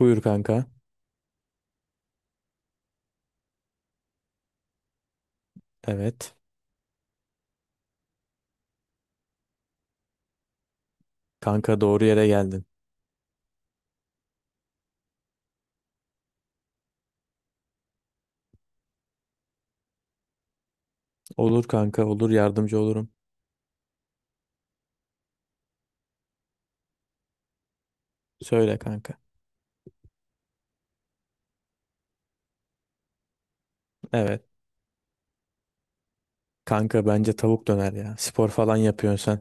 Buyur kanka. Evet. Kanka doğru yere geldin. Olur kanka olur yardımcı olurum. Söyle kanka. Evet. Kanka bence tavuk döner ya. Spor falan yapıyorsun sen.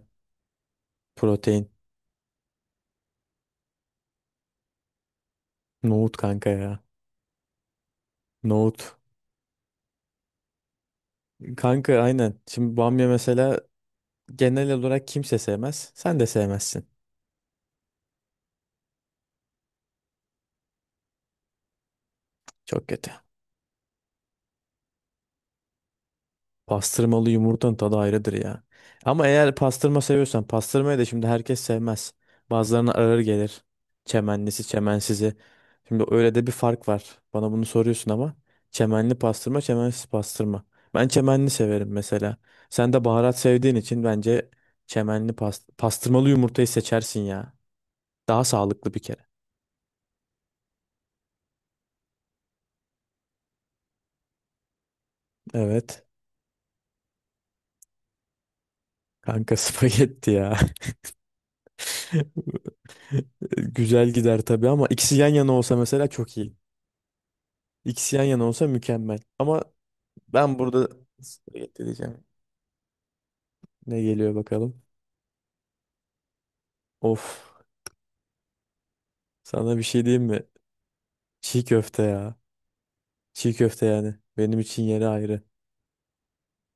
Protein. Nohut kanka ya. Nohut. Kanka aynen. Şimdi bamya mesela genel olarak kimse sevmez. Sen de sevmezsin. Çok kötü. Pastırmalı yumurtanın tadı ayrıdır ya. Ama eğer pastırma seviyorsan pastırmayı da şimdi herkes sevmez. Bazılarına ağır gelir. Çemenlisi, çemensizi. Şimdi öyle de bir fark var. Bana bunu soruyorsun ama çemenli pastırma, çemensiz pastırma. Ben çemenli severim mesela. Sen de baharat sevdiğin için bence çemenli pastırmalı yumurtayı seçersin ya. Daha sağlıklı bir kere. Evet. Kanka spagetti ya. Güzel gider tabii ama ikisi yan yana olsa mesela çok iyi. İkisi yan yana olsa mükemmel. Ama ben burada getireceğim. Ne geliyor bakalım. Of. Sana bir şey diyeyim mi? Çiğ köfte ya. Çiğ köfte yani. Benim için yeri ayrı.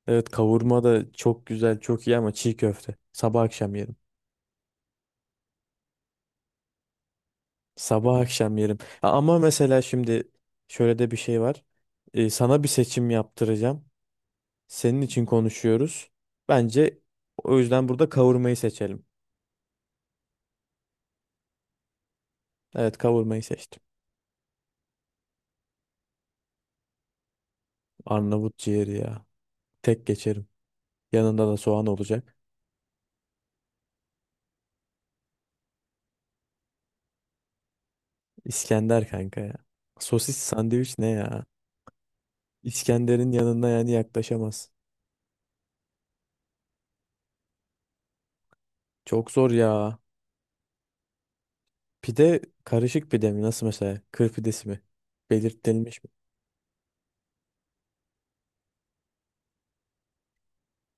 Evet kavurma da çok güzel, çok iyi ama çiğ köfte. Sabah akşam yerim. Sabah akşam yerim. Ama mesela şimdi şöyle de bir şey var. Sana bir seçim yaptıracağım. Senin için konuşuyoruz. Bence o yüzden burada kavurmayı seçelim. Evet kavurmayı seçtim. Arnavut ciğeri ya. Tek geçerim. Yanında da soğan olacak. İskender kanka ya. Sosis sandviç ne ya? İskender'in yanına yani yaklaşamaz. Çok zor ya. Pide karışık pide mi? Nasıl mesela? Kır pidesi mi? Belirtilmiş mi?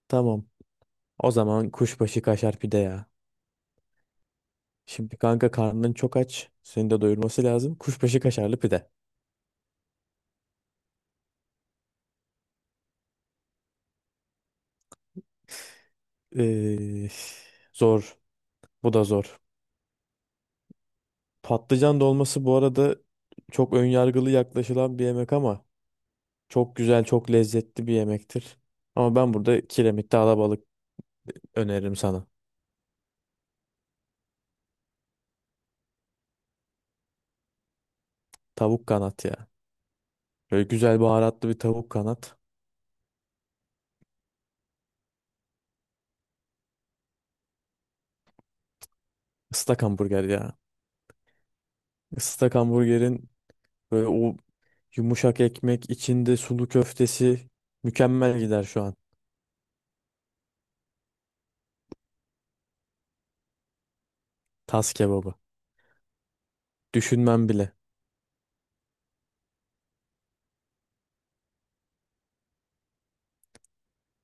Tamam. O zaman kuşbaşı kaşar pide ya. Şimdi kanka karnın çok aç. Seni de doyurması lazım. Kuşbaşı kaşarlı pide. Ee, Zor. Bu da zor. Patlıcan dolması bu arada çok önyargılı yaklaşılan bir yemek ama çok güzel, çok lezzetli bir yemektir. Ama ben burada kiremitte alabalık öneririm sana. Tavuk kanat ya. Böyle güzel baharatlı bir tavuk kanat. Islak hamburger ya. Islak hamburgerin böyle o yumuşak ekmek içinde sulu köftesi mükemmel gider şu an. Tas kebabı. Düşünmem bile.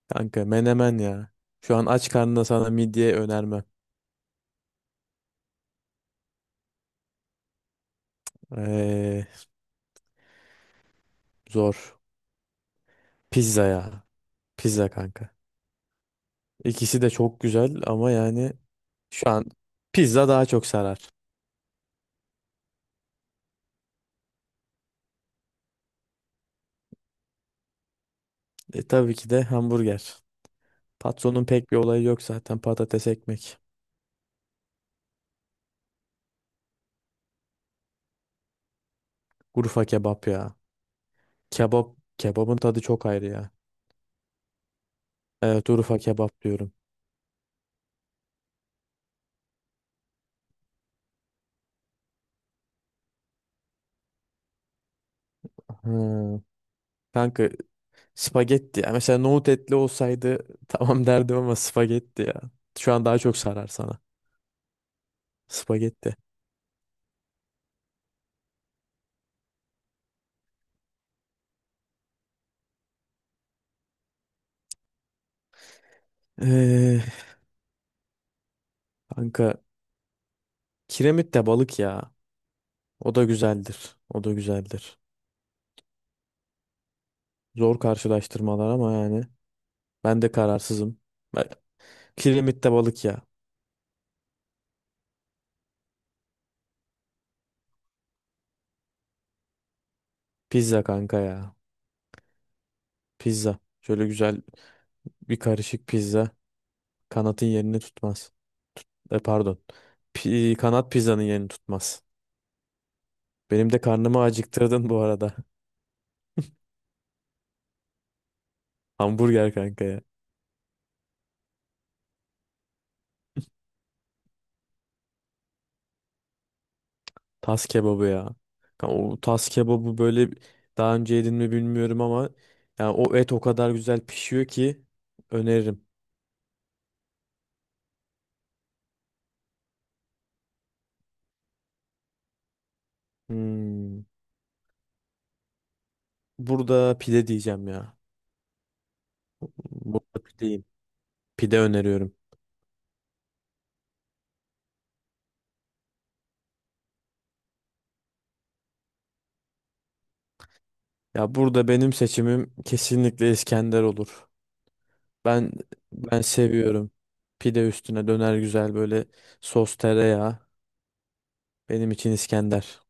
Kanka menemen ya. Şu an aç karnına sana midye önermem. Ee, Zor. Pizza ya. Pizza kanka. İkisi de çok güzel ama yani şu an pizza daha çok sarar. Tabii ki de hamburger. Patronun pek bir olayı yok zaten. Patates ekmek. Urfa kebap ya. Kebap. Kebabın tadı çok ayrı ya. Evet Urfa kebap diyorum. Hmm. Kanka spagetti ya. Mesela nohut etli olsaydı tamam derdim ama spagetti ya. Şu an daha çok sarar sana. Spagetti. Ee, Kanka kiremit de balık ya. O da güzeldir. O da güzeldir. Zor karşılaştırmalar ama yani ben de kararsızım. Kiremitte balık ya. Pizza kanka ya. Pizza. Şöyle güzel bir karışık pizza. Kanatın yerini tutmaz. Pardon. Kanat pizzanın yerini tutmaz. Benim de karnımı acıktırdın bu arada. Hamburger kanka ya. Tas kebabı ya. O tas kebabı böyle daha önce yedin mi bilmiyorum ama yani o et o kadar güzel pişiyor ki öneririm. Hmm. Burada pide diyeceğim ya. Burada pideyim. Pide öneriyorum. Ya burada benim seçimim kesinlikle İskender olur. Ben Ben seviyorum. Pide üstüne döner güzel böyle sos tereyağı. Benim için İskender.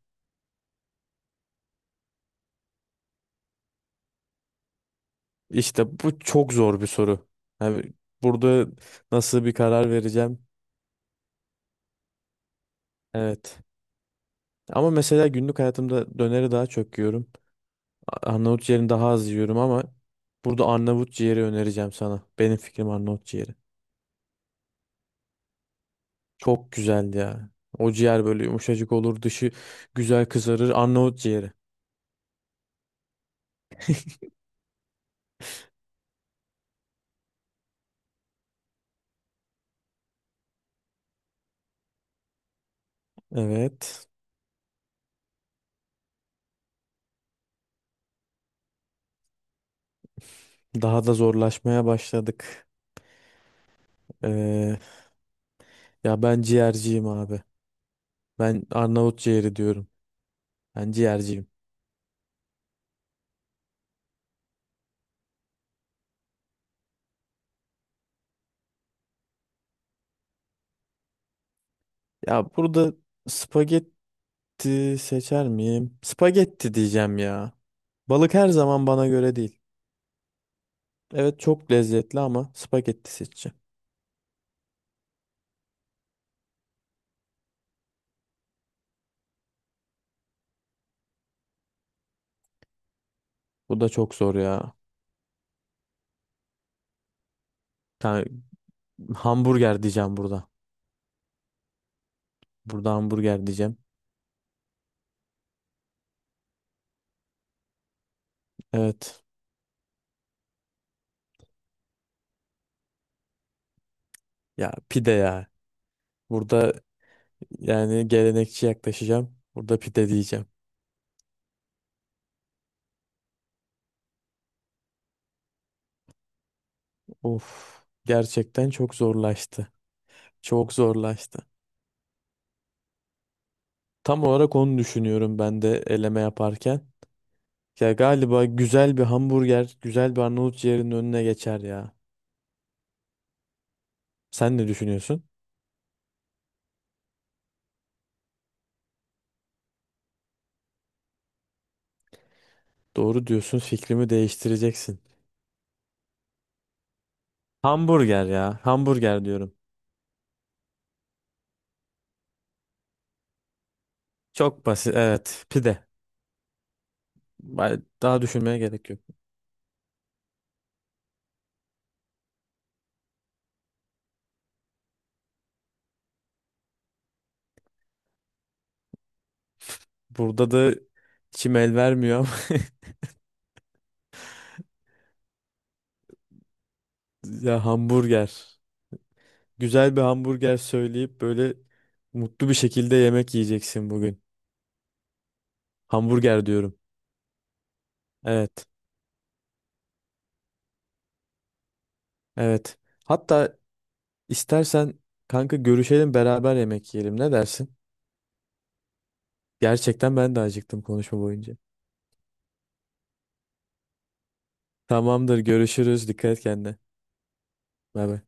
İşte bu çok zor bir soru. Yani burada nasıl bir karar vereceğim? Evet. Ama mesela günlük hayatımda döneri daha çok yiyorum. Arnavut ciğerini daha az yiyorum ama burada Arnavut ciğeri önereceğim sana. Benim fikrim Arnavut ciğeri. Çok güzeldi ya. O ciğer böyle yumuşacık olur, dışı güzel kızarır. Arnavut ciğeri. Evet. Daha da zorlaşmaya başladık. Ee, Ya ben ciğerciyim abi. Ben Arnavut ciğeri diyorum. Ben ciğerciyim. Ya burada spagetti seçer miyim? Spagetti diyeceğim ya. Balık her zaman bana göre değil. Evet çok lezzetli ama spagetti seçeceğim. Bu da çok zor ya. Yani hamburger diyeceğim burada. Burada hamburger diyeceğim. Evet. Ya pide ya. Burada yani gelenekçi yaklaşacağım. Burada pide diyeceğim. Of, gerçekten çok zorlaştı. Çok zorlaştı. Tam olarak onu düşünüyorum ben de eleme yaparken. Ya galiba güzel bir hamburger, güzel bir Arnavut ciğerinin önüne geçer ya. Sen ne düşünüyorsun? Doğru diyorsun, fikrimi değiştireceksin. Hamburger ya, hamburger diyorum. Çok basit, evet, pide. Daha düşünmeye gerek yok. Burada da içim el vermiyor ama ya hamburger. Güzel bir hamburger söyleyip böyle mutlu bir şekilde yemek yiyeceksin bugün. Hamburger diyorum. Evet. Evet. Hatta istersen kanka görüşelim beraber yemek yiyelim. Ne dersin? Gerçekten ben de acıktım konuşma boyunca. Tamamdır görüşürüz. Dikkat et kendine. Bay bay.